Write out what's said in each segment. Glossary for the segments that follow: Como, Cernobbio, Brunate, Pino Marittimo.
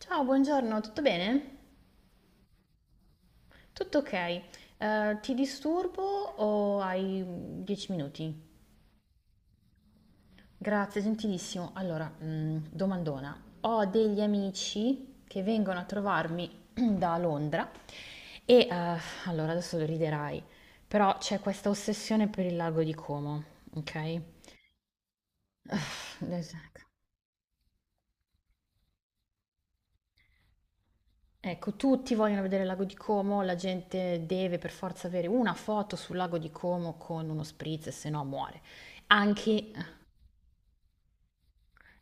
Ciao, buongiorno, tutto bene? Tutto ok. Ti disturbo o hai 10 minuti? Grazie, gentilissimo. Allora, domandona. Ho degli amici che vengono a trovarmi da Londra e, eh, allora, adesso lo riderai, però c'è questa ossessione per il lago di Como, ok? Esatto. Ecco, tutti vogliono vedere il lago di Como, la gente deve per forza avere una foto sul lago di Como con uno spritz, se no muore. Anche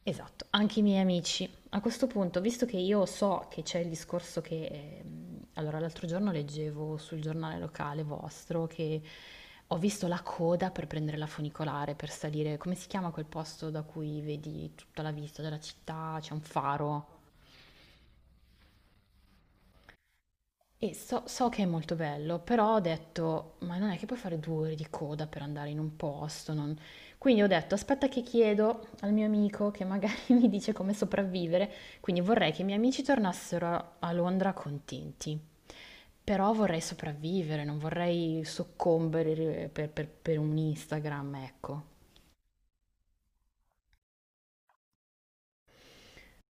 esatto, anche i miei amici. A questo punto, visto che io so che c'è il discorso che... allora, l'altro giorno leggevo sul giornale locale vostro che ho visto la coda per prendere la funicolare, per salire... Come si chiama quel posto da cui vedi tutta la vista della città? C'è un faro. E so, so che è molto bello, però ho detto, ma non è che puoi fare due ore di coda per andare in un posto. Non. Quindi ho detto, aspetta che chiedo al mio amico che magari mi dice come sopravvivere. Quindi vorrei che i miei amici tornassero a Londra contenti. Però vorrei sopravvivere, non vorrei soccombere per un Instagram, ecco.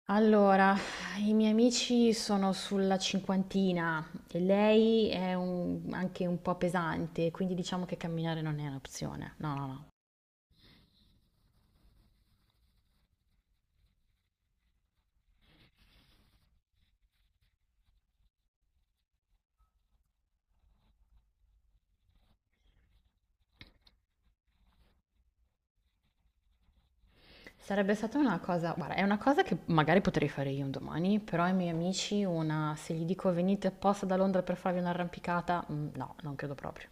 Allora, i miei amici sono sulla cinquantina e lei è un- anche un po' pesante, quindi diciamo che camminare non è un'opzione. No, no, no. Sarebbe stata una cosa, guarda, è una cosa che magari potrei fare io un domani, però ai miei amici una, se gli dico venite apposta da Londra per farvi un'arrampicata, no, non credo proprio.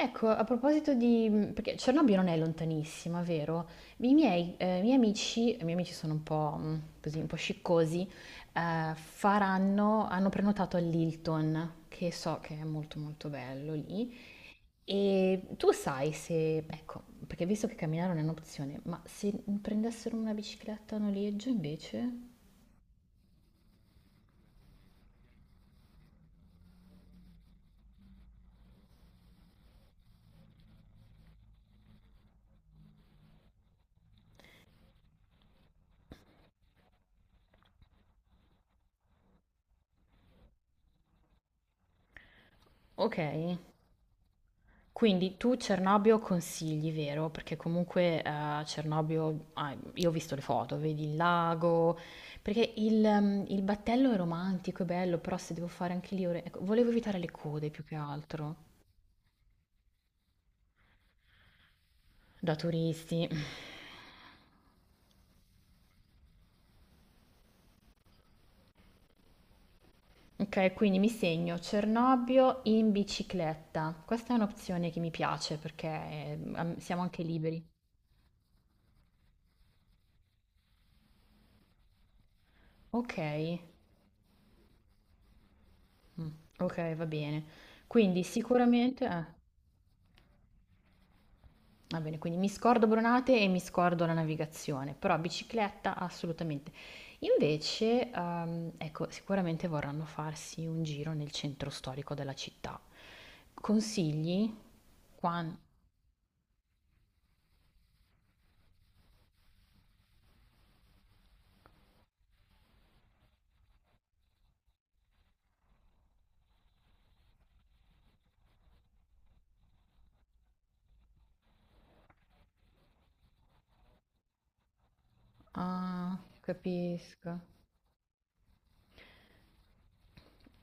Ecco, a proposito di... perché Cernobbio non è lontanissima, vero? I miei amici sono un po' mm, così, un po' sciccosi, faranno, hanno prenotato all'Hilton, che so che è molto molto bello lì, e tu sai se, ecco, perché visto che camminare non è un'opzione, ma se prendessero una bicicletta a noleggio invece? Ok. Quindi tu Cernobbio consigli, vero? Perché comunque Cernobbio, ah, io ho visto le foto, vedi il lago, perché il il battello è romantico, è bello, però se devo fare anche lì ore... ecco, volevo evitare le code più che altro, da turisti. Ok, quindi mi segno Cernobbio in bicicletta. Questa è un'opzione che mi piace perché am- siamo anche liberi. Ok, mm, ok, va bene. Quindi sicuramente.... Va bene, quindi mi scordo Bronate e mi scordo la navigazione, però bicicletta assolutamente. Invece, ecco, sicuramente vorranno farsi un giro nel centro storico della città. Consigli? Quan... Ah, capisco.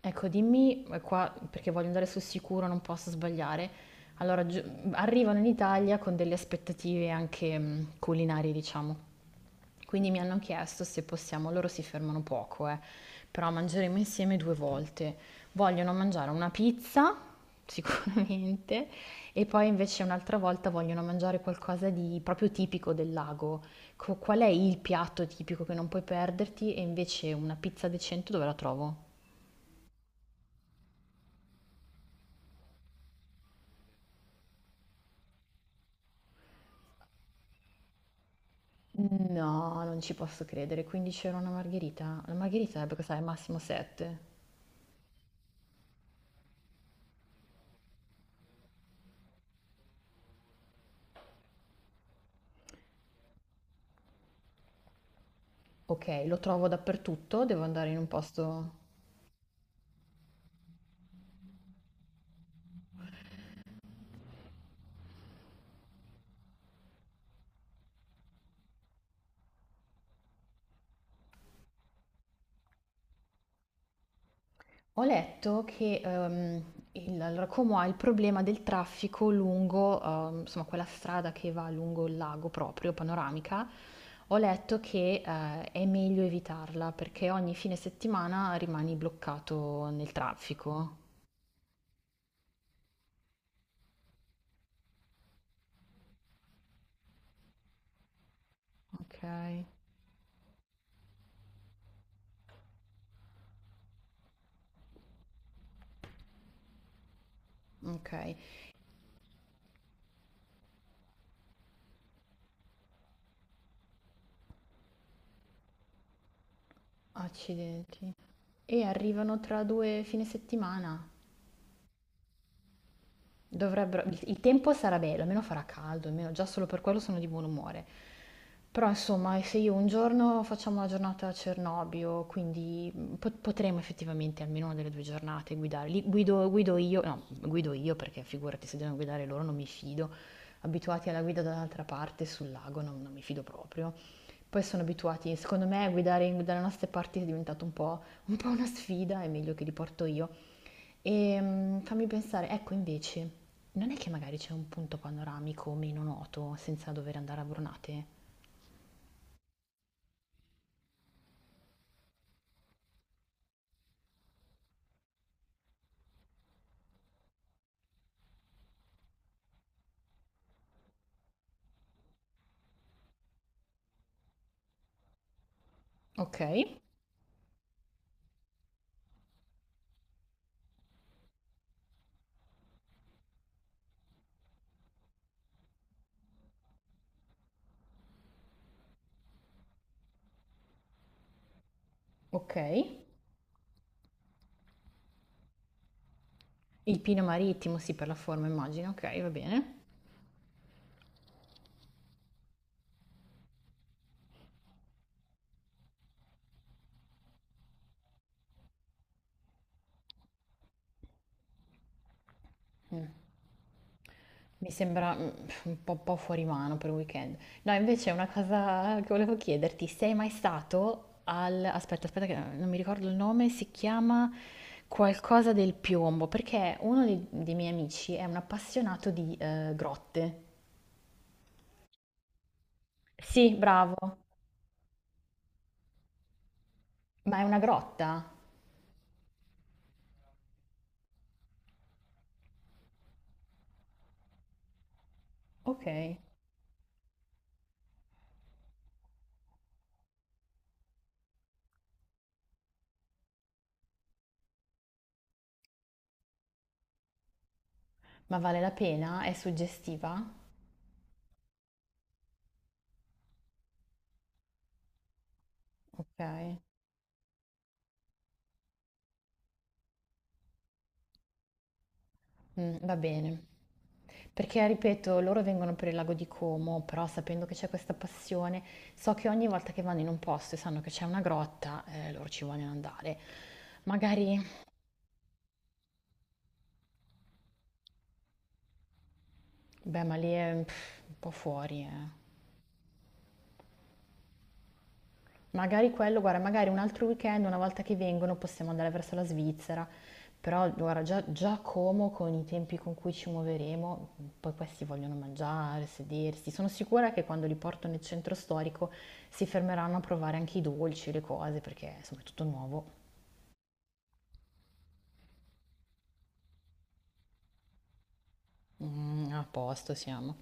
Ecco, dimmi qua, perché voglio andare sul sicuro, non posso sbagliare. Allora, giu- arrivano in Italia con delle aspettative anche culinarie, diciamo. Quindi mi hanno chiesto se possiamo, loro si fermano poco, però mangeremo insieme due volte. Vogliono mangiare una pizza, sicuramente, e poi invece un'altra volta vogliono mangiare qualcosa di proprio tipico del lago. Co- Qual è il piatto tipico che non puoi perderti? E invece una pizza decente dove la trovo? No, non ci posso credere. 15 euro una margherita? La margherita dovrebbe costare massimo 7. Ok, lo trovo dappertutto, devo andare in un posto... Ho letto che il- allora, Como ha il problema del traffico lungo, insomma, quella strada che va lungo il lago proprio, panoramica. Ho letto che è meglio evitarla perché ogni fine settimana rimani bloccato nel traffico. Ok, ok. Accidenti. E arrivano tra due fine settimana. Dovrebbero, il tempo sarà bello, almeno farà caldo, almeno già solo per quello sono di buon umore. Però insomma, se io un giorno facciamo la giornata a Cernobbio, quindi pot- potremo effettivamente almeno una delle due giornate guidare. Li- guido io, no, guido io perché figurati se devono guidare loro non mi fido. Abituati alla guida dall'altra parte sul lago non mi fido proprio. Poi sono abituati, secondo me, a guidare in- dalle nostre parti è diventato un po' una sfida, è meglio che li porto io. Fammi pensare, ecco invece, non è che magari c'è un punto panoramico meno noto senza dover andare a Brunate? Ok, ok. Il Pino Marittimo, sì, per la forma immagino, ok, va bene. Mm. Mi sembra un po', po' fuori mano per un weekend. No, invece una cosa che volevo chiederti, sei mai stato al... Aspetta, aspetta, che non mi ricordo il nome, si chiama qualcosa del piombo, perché dei miei amici è un appassionato di grotte. Sì, bravo. Ma è una grotta? Ok. Ma vale la pena? È suggestiva? Ok. Mm, va bene. Perché, ripeto, loro vengono per il lago di Como, però sapendo che c'è questa passione, so che ogni volta che vanno in un posto e sanno che c'è una grotta, loro ci vogliono andare. Magari, beh, ma lì è pff, un po' fuori, eh. Magari quello, guarda, magari un altro weekend, una volta che vengono, possiamo andare verso la Svizzera, però guarda, già Como con i tempi con cui ci muoveremo, poi questi vogliono mangiare, sedersi. Sono sicura che quando li porto nel centro storico si fermeranno a provare anche i dolci, le cose, perché insomma è tutto nuovo. Mm, a posto siamo.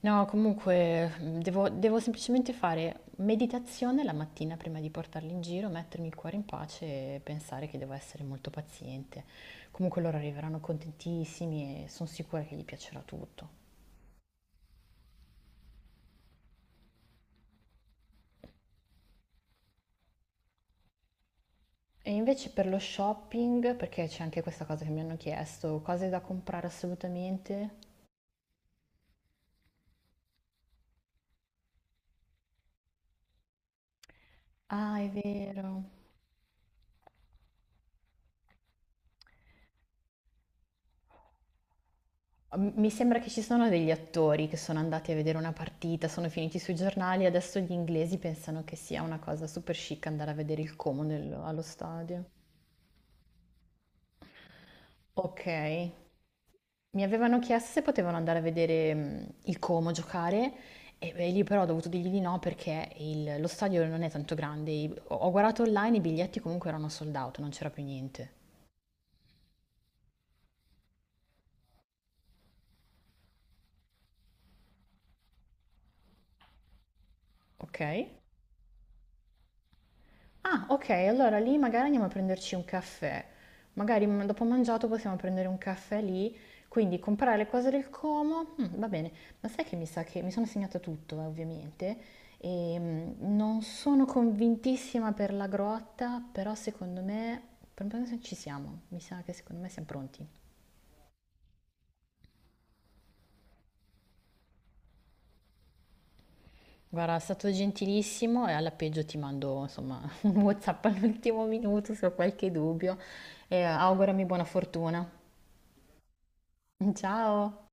No, comunque devo semplicemente fare meditazione la mattina prima di portarli in giro, mettermi il cuore in pace e pensare che devo essere molto paziente. Comunque loro arriveranno contentissimi e sono sicura che gli piacerà tutto. E invece per lo shopping, perché c'è anche questa cosa che mi hanno chiesto, cose da comprare assolutamente. Ah, è vero. M- mi sembra che ci sono degli attori che sono andati a vedere una partita, sono finiti sui giornali, adesso gli inglesi pensano che sia una cosa super chic andare a vedere il Como nel- allo stadio. Ok, mi avevano chiesto se potevano andare a vedere il Como giocare e beh, lì però ho dovuto dirgli di no perché il- lo stadio non è tanto grande. I- Ho guardato online, i biglietti comunque erano sold out, non c'era più niente. Ok? Ah, ok, allora lì magari andiamo a prenderci un caffè. Magari dopo mangiato possiamo prendere un caffè lì, quindi comprare le cose del Como, mm, va bene. Ma sai che mi sa che mi sono segnata tutto, ovviamente, e non sono convintissima per la grotta, però secondo me, per un po' ci siamo, mi sa che secondo me siamo pronti. Guarda, è stato gentilissimo e alla peggio ti mando, insomma, un WhatsApp all'ultimo minuto se ho qualche dubbio e augurami buona fortuna. Ciao!